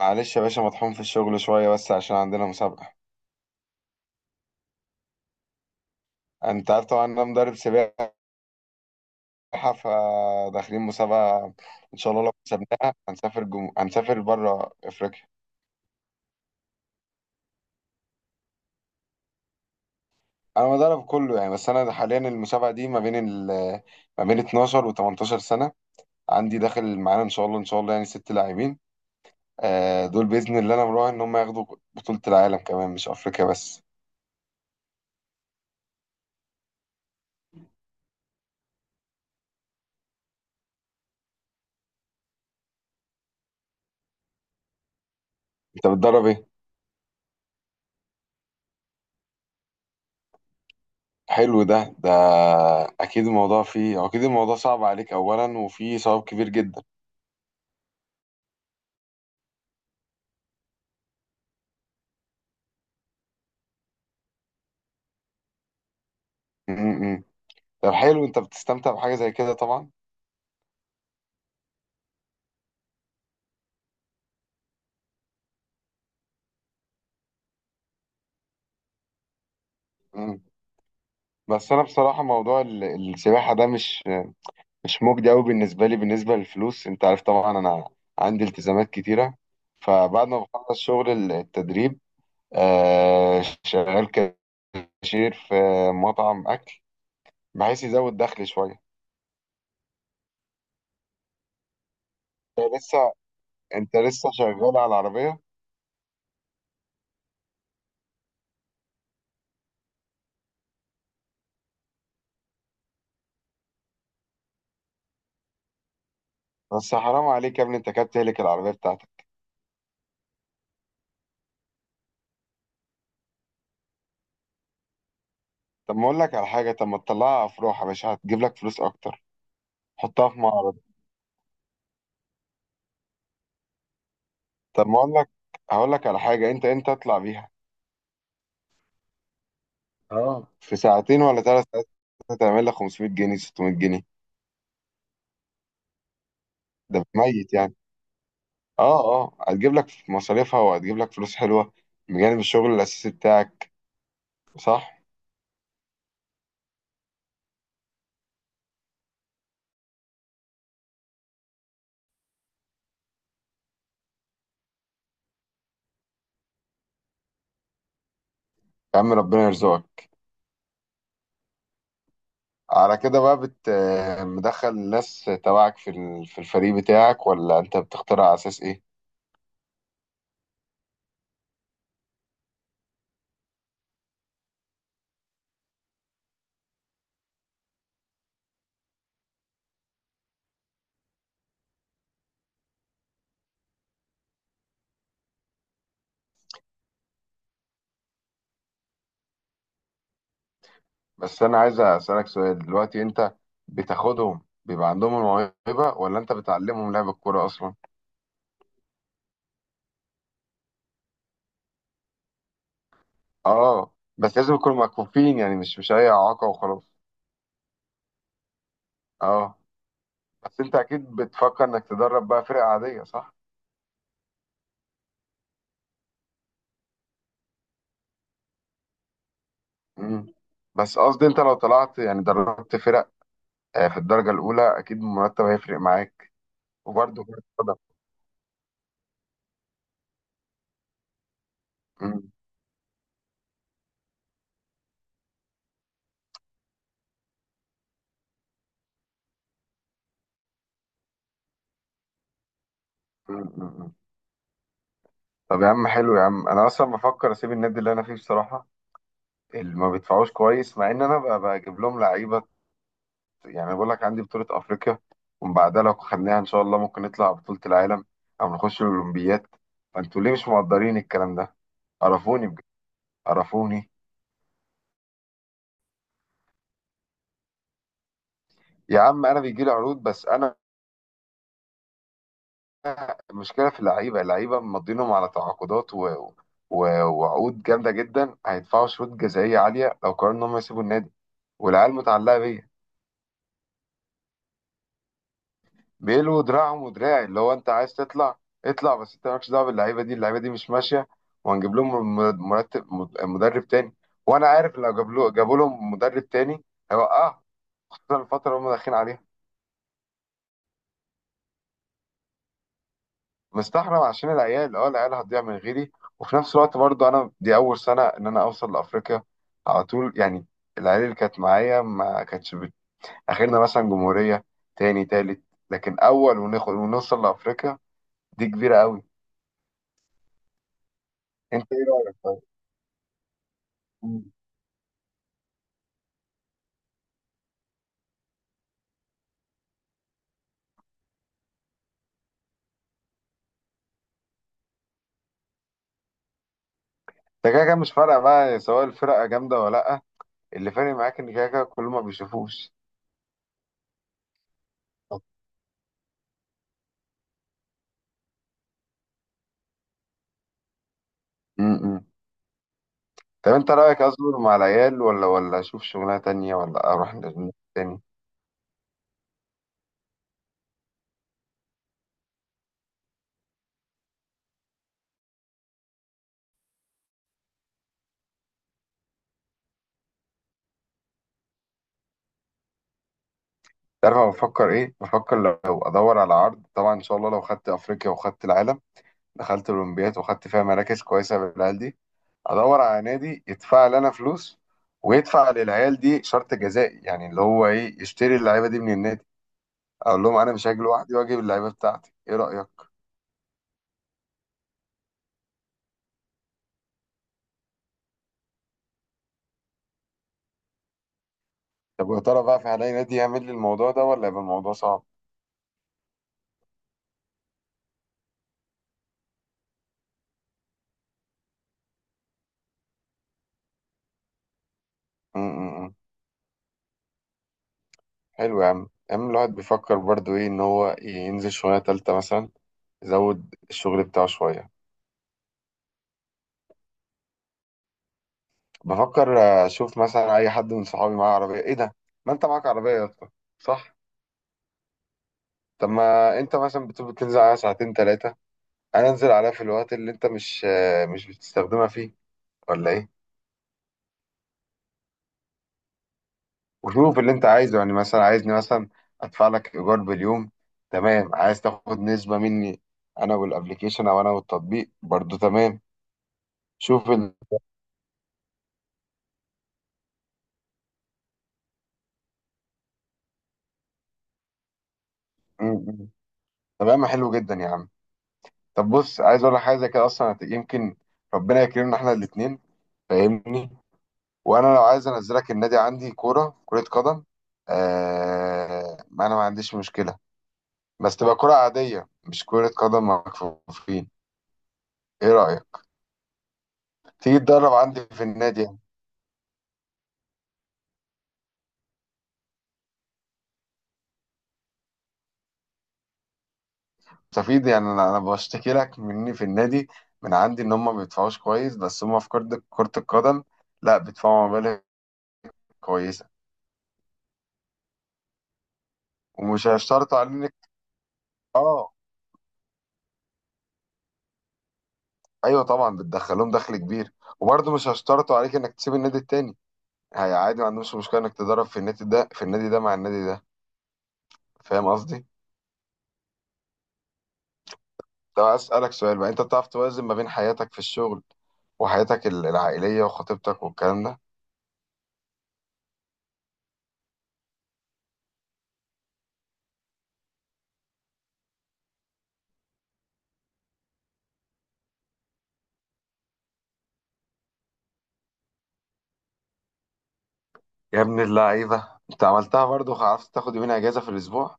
معلش يا باشا، مطحون في الشغل شوية، بس عشان عندنا مسابقة. انت عارف طبعا، انا مدرب سباحة، فداخلين مسابقة. ان شاء الله لو كسبناها هنسافر هنسافر بره افريقيا. انا مدرب كله يعني، بس انا حاليا المسابقة دي ما بين ما بين 12 و 18 سنة. عندي داخل معانا ان شاء الله ان شاء الله يعني 6 لاعبين. دول بإذن الله، انا مراهن ان هم ياخدوا بطولة العالم كمان، مش افريقيا بس. انت بتدرب ايه؟ حلو ده. اكيد الموضوع فيه هو، اكيد الموضوع صعب عليك اولا، وفيه صعوب كبير جدا. م-م. طب حلو، انت بتستمتع بحاجه زي كده طبعا. م. بس انا بصراحه موضوع السباحه ده مش مجدي قوي بالنسبه لي، بالنسبه للفلوس. انت عارف طبعا انا عندي التزامات كتيره. فبعد ما بخلص شغل التدريب، شغال كاشير في مطعم اكل، بحيث يزود دخلي شويه. انت لسه انت لسه شغال على العربيه؟ بس حرام عليك يا ابني، انت كده بتهلك العربية بتاعتك. طب ما اقول لك على حاجة، طب ما تطلعها افراح يا باشا، هتجيب لك فلوس اكتر. حطها في معرض. طب ما اقول لك، هقول لك على حاجة. انت اطلع بيها، اه، في ساعتين ولا 3 ساعات. هتعمل لك 500 جنيه 600 جنيه، ده 100 يعني. اه اه، هتجيب لك مصاريفها وهتجيب لك فلوس حلوة بجانب الشغل الأساسي بتاعك، صح؟ يا عم ربنا يرزقك. على كده بقى، مدخل الناس تبعك في في الفريق بتاعك، ولا انت بتختار على اساس ايه؟ بس انا عايز اسالك سؤال دلوقتي، انت بتاخدهم بيبقى عندهم الموهبه، ولا انت بتعلمهم لعب الكوره اصلا؟ اه، بس لازم يكونوا مكفوفين يعني، مش اي اعاقه وخلاص؟ اه، بس انت اكيد بتفكر انك تدرب بقى فرق عاديه، صح؟ امم. بس قصدي انت لو طلعت يعني دربت فرق، في الدرجه الاولى اكيد المرتب هيفرق معاك وبرده كرة قدم. أمم، أمم، أمم. طب يا عم، حلو يا عم، انا اصلا بفكر اسيب النادي اللي انا فيه بصراحه، اللي ما بيدفعوش كويس، مع ان انا بجيب لهم لعيبه. يعني أنا بقول لك عندي بطولة أفريقيا، ومن بعدها لو خدناها إن شاء الله ممكن نطلع على بطولة العالم، أو نخش الأولمبياد. فأنتوا ليه مش مقدرين الكلام ده؟ قرفوني بجد، قرفوني. يا عم، أنا بيجي لي عروض، بس أنا المشكلة في اللعيبة. اللعيبة مضينهم على تعاقدات و... وعقود جامدة جدا، هيدفعوا شروط جزائية عالية لو قرروا إن هم يسيبوا النادي، والعيال متعلقة بيا. بيلو دراعهم ودراعي. اللي هو انت عايز تطلع، اطلع، بس انت مالكش دعوه باللعيبه دي. اللعيبه دي مش ماشيه. وهنجيب لهم مدرب تاني. وانا عارف لو جابوا لهم مدرب تاني هيوقعهم، خصوصا الفتره اللي هم داخلين عليها. مستحرم عشان العيال هتضيع من غيري. وفي نفس الوقت برضو، انا دي اول سنه ان انا اوصل لافريقيا على طول يعني. العيال اللي كانت معايا ما كانتش اخرنا مثلا جمهوريه، تاني تالت، لكن اول وناخد ونوصل لافريقيا دي كبيره قوي. انت ايه رايك، طيب؟ ده كده كده مش فارقة بقى، سواء الفرقة جامدة ولا لأ. اللي فارق معاك إن كده كده كله ما بيشوفوش. طب م- م. طب أنت رأيك أصبر مع العيال، ولا أشوف شغلانة تانية، ولا أروح للناس تاني؟ تعرف أنا بفكر إيه؟ بفكر لو أدور على عرض، طبعا إن شاء الله لو خدت أفريقيا وخدت العالم، دخلت الأولمبياد وخدت فيها مراكز كويسة بالعيال دي، أدور على نادي يدفع لنا فلوس، ويدفع للعيال دي شرط جزائي، يعني اللي هو إيه، يشتري اللعيبة دي من النادي، أقول لهم أنا مش هاجي لوحدي وأجيب اللعيبة بتاعتي. إيه رأيك؟ طب ويا ترى بقى، في هلاقي نادي يعمل لي الموضوع ده ولا يبقى الموضوع صعب؟ م. حلو يا عم، يا عم الواحد بيفكر برضو ايه، ان هو ينزل شوية تالتة مثلا، يزود الشغل بتاعه شوية. بفكر اشوف مثلا اي حد من صحابي معاه عربية. ايه ده، ما انت معاك عربية يا اسطى، صح؟ طب، ما انت مثلا بتقول بتنزل عليها ساعتين تلاتة، انا انزل عليها في الوقت اللي انت مش بتستخدمها فيه، ولا ايه؟ وشوف اللي انت عايزه، يعني مثلا عايزني مثلا ادفع لك ايجار باليوم، تمام، عايز تاخد نسبة مني انا والابليكيشن، او انا والتطبيق، برضو تمام. شوف م. تمام حلو جدا يا عم. طب بص، عايز اقول لك حاجة كده، اصلا يمكن ربنا يكرمنا احنا الاتنين، فاهمني؟ وانا لو عايز انزلك النادي عندي كرة قدم. ما انا ما عنديش مشكلة، بس تبقى كرة عادية، مش كرة قدم مكفوفين. ايه رأيك، تيجي تدرب عندي في النادي؟ مستفيد يعني. انا بشتكي لك مني في النادي من عندي ان هم ما بيدفعوش كويس، بس هم في كرة القدم لا، بيدفعوا مبالغ كويسة. ومش هيشترطوا عليك اه، ايوه طبعا بتدخلهم دخل كبير. وبرضه مش هيشترطوا عليك انك تسيب النادي التاني. هي عادي، ما عندهمش مشكلة انك تدرب في النادي ده، في النادي ده، مع النادي ده. فاهم قصدي؟ طب عايز اسألك سؤال بقى، انت بتعرف توازن ما بين حياتك في الشغل وحياتك العائلية وخطيبتك والكلام ده؟ يا ابن اللعيبة، انت عملتها برضه، عرفت تاخد يومين اجازة في الاسبوع؟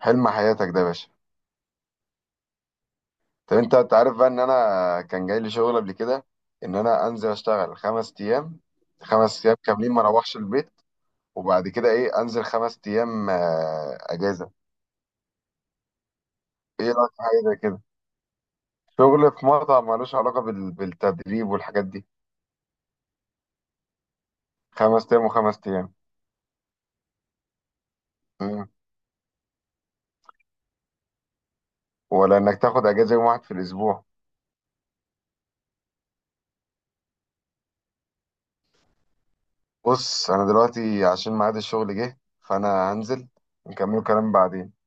حلم حياتك ده يا باشا. طب انت عارف بقى ان انا كان جاي لي شغل قبل كده، ان انا انزل اشتغل 5 ايام، 5 ايام كاملين ما اروحش البيت، وبعد كده ايه، انزل 5 ايام اجازه. ايه رايك في حاجه زي كده؟ شغل في مطعم ملوش علاقه بالتدريب والحاجات دي. 5 ايام وخمس ايام. مم. ولا انك تاخد اجازه يوم واحد في الاسبوع؟ بص انا دلوقتي عشان ميعاد الشغل جه، فانا هنزل، نكمل كلام بعدين.